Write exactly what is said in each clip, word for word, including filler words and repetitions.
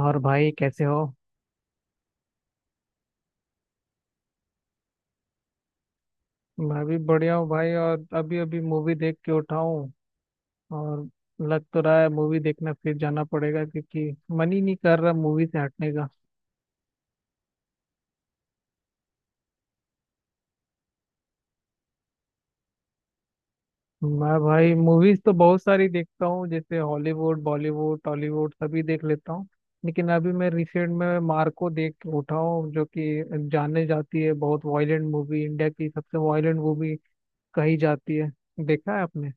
और भाई कैसे हो। मैं भी बढ़िया हूँ भाई। और अभी अभी मूवी देख के उठा हूँ। और लग तो रहा है मूवी देखना फिर जाना पड़ेगा क्योंकि मन ही नहीं कर रहा मूवी से हटने का। मैं भाई मूवीज तो बहुत सारी देखता हूँ, जैसे हॉलीवुड, बॉलीवुड, टॉलीवुड सभी देख लेता हूँ। लेकिन अभी मैं रिसेंट में मार्को देख के उठा हूँ, जो कि जाने जाती है बहुत वायलेंट मूवी, इंडिया की सबसे वायलेंट मूवी कही जाती है। देखा है आपने?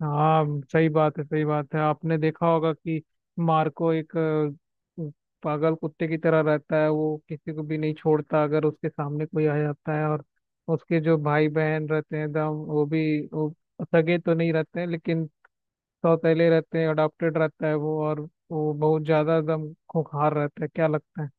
हाँ, सही बात है, सही बात है। आपने देखा होगा कि मार्को एक अ, पागल कुत्ते की तरह रहता है, वो किसी को भी नहीं छोड़ता अगर उसके सामने कोई आ जाता है। और उसके जो भाई बहन रहते हैं दम, वो भी वो सगे तो नहीं रहते हैं, लेकिन सौतेले रहते हैं, अडॉप्टेड रहता है वो। और वो बहुत ज्यादा दम खूंखार रहता है, क्या लगता है?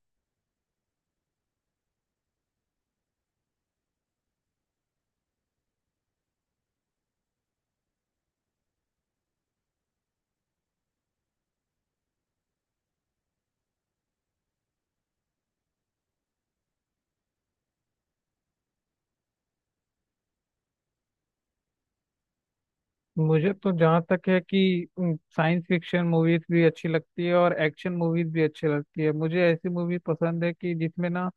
मुझे तो जहाँ तक है कि साइंस फिक्शन मूवीज भी अच्छी लगती है और एक्शन मूवीज भी अच्छी लगती है। मुझे ऐसी मूवी पसंद है कि जिसमें ना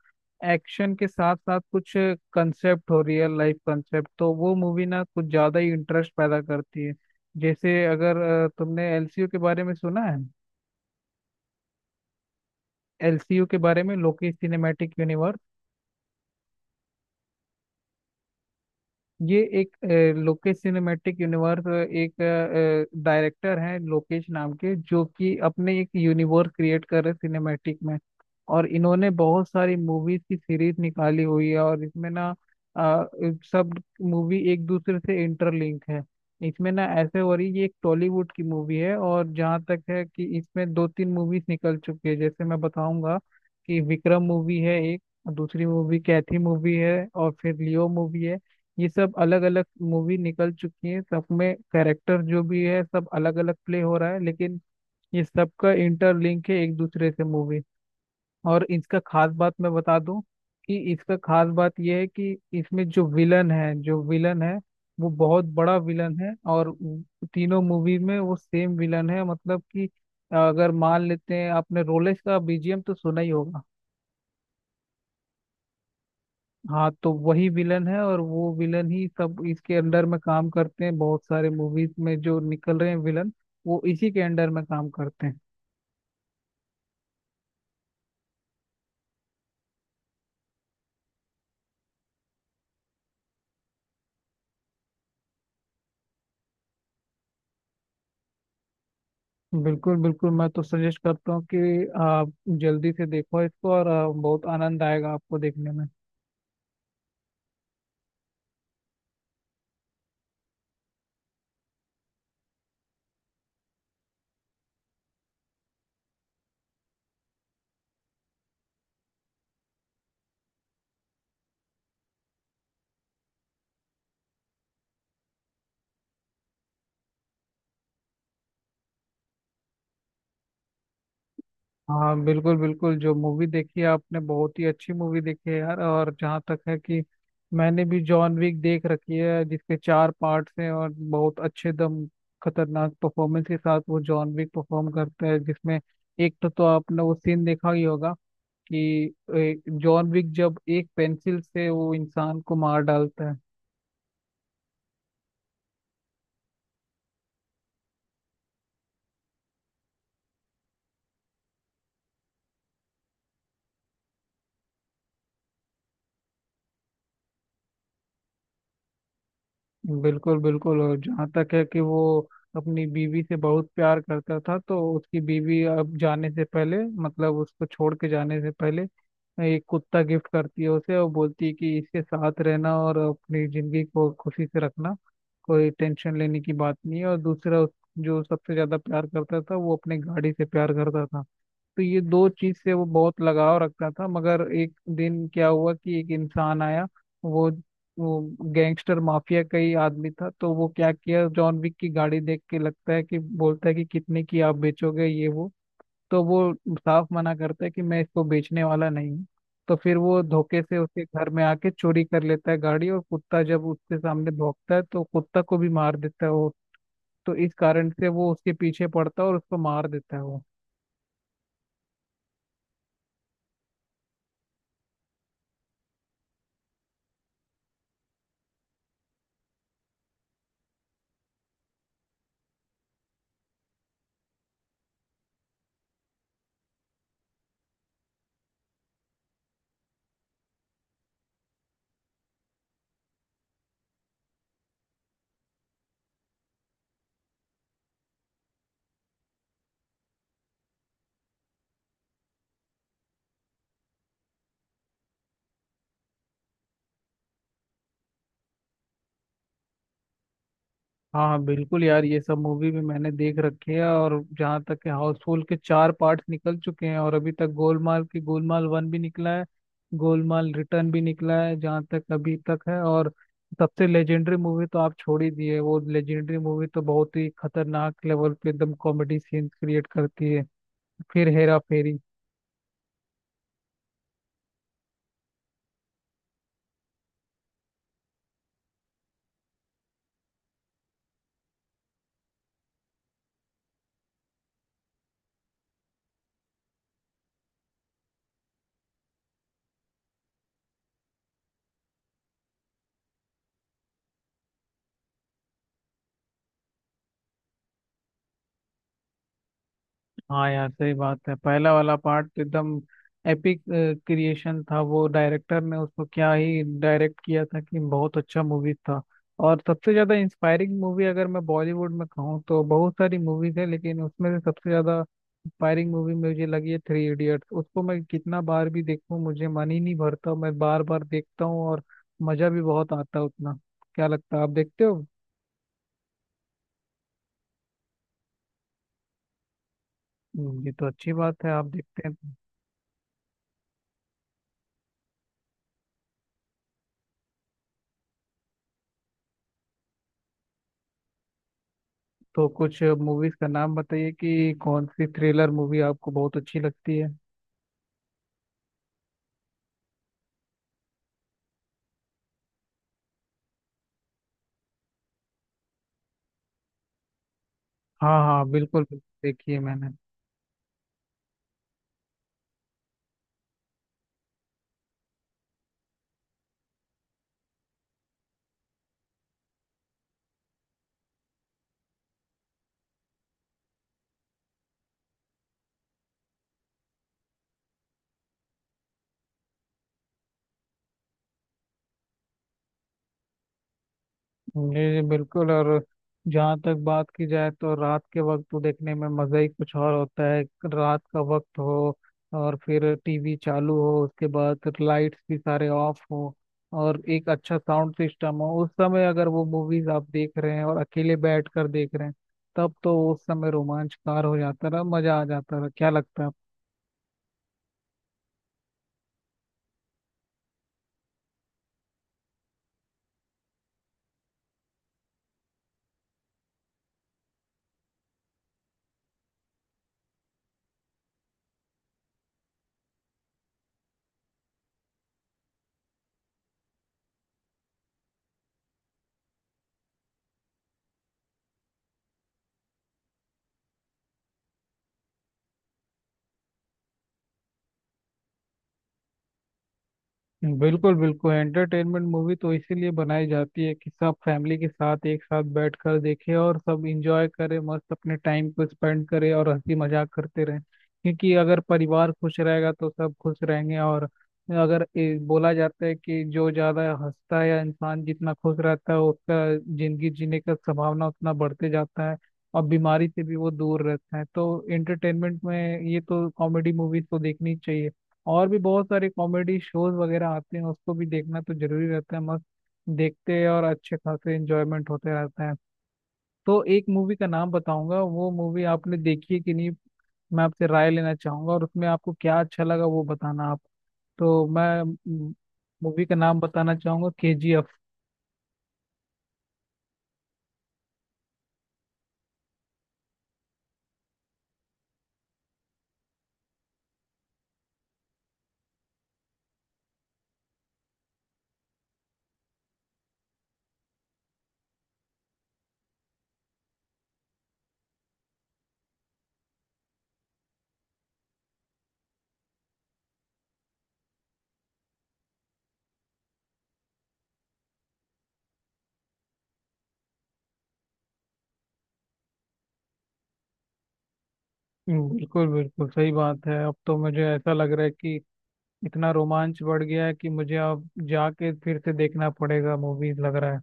एक्शन के साथ साथ कुछ कंसेप्ट हो, रियल लाइफ कंसेप्ट, तो वो मूवी ना कुछ ज्यादा ही इंटरेस्ट पैदा करती है। जैसे अगर अ, तुमने एल सी यू के बारे में सुना है? एल सी यू के बारे में, लोकी सिनेमैटिक यूनिवर्स। ये एक अ, लोकेश सिनेमैटिक यूनिवर्स। एक डायरेक्टर हैं लोकेश नाम के, जो कि अपने एक यूनिवर्स क्रिएट कर रहे सिनेमैटिक में। और इन्होंने बहुत सारी मूवीज की सीरीज निकाली हुई है, और इसमें ना अ, सब मूवी एक दूसरे से इंटरलिंक है। इसमें ना ऐसे हो रही, ये एक टॉलीवुड की मूवी है। और जहाँ तक है कि इसमें दो तीन मूवीज निकल चुकी है, जैसे मैं बताऊंगा कि विक्रम मूवी है एक, दूसरी मूवी कैथी मूवी है, और फिर लियो मूवी है। ये सब अलग अलग मूवी निकल चुकी है, सब में कैरेक्टर जो भी है सब अलग अलग प्ले हो रहा है, लेकिन ये सबका इंटरलिंक है एक दूसरे से मूवी। और इसका खास बात मैं बता दूं कि इसका खास बात ये है कि इसमें जो विलन है जो विलन है वो बहुत बड़ा विलन है, और वो तीनों मूवी में वो सेम विलन है। मतलब कि अगर मान लेते हैं, आपने रोलेक्स का बी जी एम तो सुना ही होगा। हाँ, तो वही विलन है, और वो विलन ही, सब इसके अंडर में काम करते हैं, बहुत सारे मूवीज में जो निकल रहे हैं विलन, वो इसी के अंडर में काम करते हैं। बिल्कुल बिल्कुल, मैं तो सजेस्ट करता हूँ कि आप जल्दी से देखो इसको, और आ, बहुत आनंद आएगा आपको देखने में। हाँ बिल्कुल बिल्कुल, जो मूवी देखी है आपने बहुत ही अच्छी मूवी देखी है यार। और जहाँ तक है कि मैंने भी जॉन विक देख रखी है, जिसके चार पार्ट्स हैं, और बहुत अच्छे दम खतरनाक परफॉर्मेंस के साथ वो जॉन विक परफॉर्म करता है। जिसमें एक तो, तो आपने वो सीन देखा ही होगा कि ए, जॉन विक जब एक पेंसिल से वो इंसान को मार डालता है। बिल्कुल बिल्कुल, और जहाँ तक है कि वो अपनी बीवी से बहुत प्यार करता था, तो उसकी बीवी अब जाने से पहले, मतलब उसको छोड़ के जाने से पहले, एक कुत्ता गिफ्ट करती है उसे, और बोलती है कि इसके साथ रहना और अपनी जिंदगी को खुशी से रखना, कोई टेंशन लेने की बात नहीं है। और दूसरा उस- जो सबसे ज्यादा प्यार करता था, वो अपने गाड़ी से प्यार करता था। तो ये दो चीज से वो बहुत लगाव रखता था। मगर एक दिन क्या हुआ कि एक इंसान आया, वो वो गैंगस्टर माफिया का ही आदमी था। तो वो क्या किया, जॉन विक की गाड़ी देख के लगता है कि, बोलता है कि कितने की आप बेचोगे ये वो, तो वो साफ मना करता है कि मैं इसको बेचने वाला नहीं हूँ। तो फिर वो धोखे से उसके घर में आके चोरी कर लेता है गाड़ी, और कुत्ता जब उसके सामने भौंकता है तो कुत्ता को भी मार देता है वो। तो इस कारण से वो उसके पीछे पड़ता है और उसको मार देता है वो। हाँ हाँ बिल्कुल यार, ये सब मूवी भी मैंने देख रखी है। और जहाँ तक है, हाउसफुल के चार पार्ट्स निकल चुके हैं, और अभी तक गोलमाल की गोलमाल वन भी निकला है, गोलमाल रिटर्न भी निकला है जहाँ तक अभी तक है। और सबसे लेजेंडरी मूवी तो आप छोड़ ही दिए, वो लेजेंडरी मूवी तो बहुत ही खतरनाक लेवल पे एकदम कॉमेडी सीन क्रिएट करती है, फिर हेरा फेरी। हाँ यार सही बात है, पहला वाला पार्ट तो एकदम एपिक क्रिएशन था। वो डायरेक्टर ने उसको क्या ही डायरेक्ट किया था कि बहुत अच्छा मूवी था। और सबसे ज्यादा इंस्पायरिंग मूवी अगर मैं बॉलीवुड में कहूँ तो बहुत सारी मूवीज है, लेकिन उसमें से सबसे ज्यादा इंस्पायरिंग मूवी मुझे लगी है थ्री इडियट्स। उसको मैं कितना बार भी देखूँ मुझे मन ही नहीं भरता, मैं बार बार देखता हूँ और मजा भी बहुत आता है उतना। क्या लगता है, आप देखते हो? हम्म, ये तो अच्छी बात है आप देखते हैं। तो कुछ मूवीज का नाम बताइए कि कौन सी थ्रिलर मूवी आपको बहुत अच्छी लगती है। हाँ हाँ बिल्कुल बिल्कुल, देखी है मैंने। जी जी बिल्कुल। और जहाँ तक बात की जाए तो रात के वक्त तो देखने में मज़ा ही कुछ और होता है। रात का वक्त हो, और फिर टीवी चालू हो, उसके बाद लाइट्स भी सारे ऑफ हो, और एक अच्छा साउंड सिस्टम हो, उस समय अगर वो मूवीज आप देख रहे हैं और अकेले बैठ कर देख रहे हैं, तब तो उस समय रोमांचकार हो जाता रहा, मज़ा आ जाता रहा, क्या लगता है? बिल्कुल बिल्कुल, एंटरटेनमेंट मूवी तो इसीलिए बनाई जाती है कि सब फैमिली के साथ एक साथ बैठ कर देखे, और सब इंजॉय करें, मस्त अपने टाइम को स्पेंड करें और हंसी मजाक करते रहें। क्योंकि अगर परिवार खुश रहेगा तो सब खुश रहेंगे। और अगर ए, बोला जाता है कि जो ज्यादा हंसता है या इंसान जितना खुश रहता है उसका जिंदगी जीने का संभावना उतना बढ़ते जाता है, और बीमारी से भी वो दूर रहता है। तो एंटरटेनमेंट में ये तो, कॉमेडी मूवीज तो देखनी चाहिए। और भी बहुत सारे कॉमेडी शोज वगैरह आते हैं, उसको भी देखना तो जरूरी रहता है। मस्त देखते हैं और अच्छे खासे एंजॉयमेंट होते रहता है। तो एक मूवी का नाम बताऊंगा, वो मूवी आपने देखी है कि नहीं, मैं आपसे राय लेना चाहूंगा। और उसमें आपको क्या अच्छा लगा वो बताना आप। तो मैं मूवी का नाम बताना चाहूंगा, के जी एफ। बिल्कुल बिल्कुल सही बात है, अब तो मुझे ऐसा लग रहा है कि इतना रोमांच बढ़ गया है कि मुझे अब जाके फिर से देखना पड़ेगा मूवीज, लग रहा है।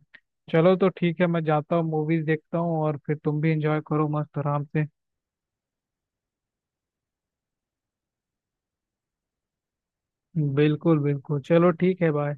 चलो तो ठीक है, मैं जाता हूँ मूवीज देखता हूँ, और फिर तुम भी एंजॉय करो मस्त आराम से। बिल्कुल बिल्कुल चलो ठीक है, बाय।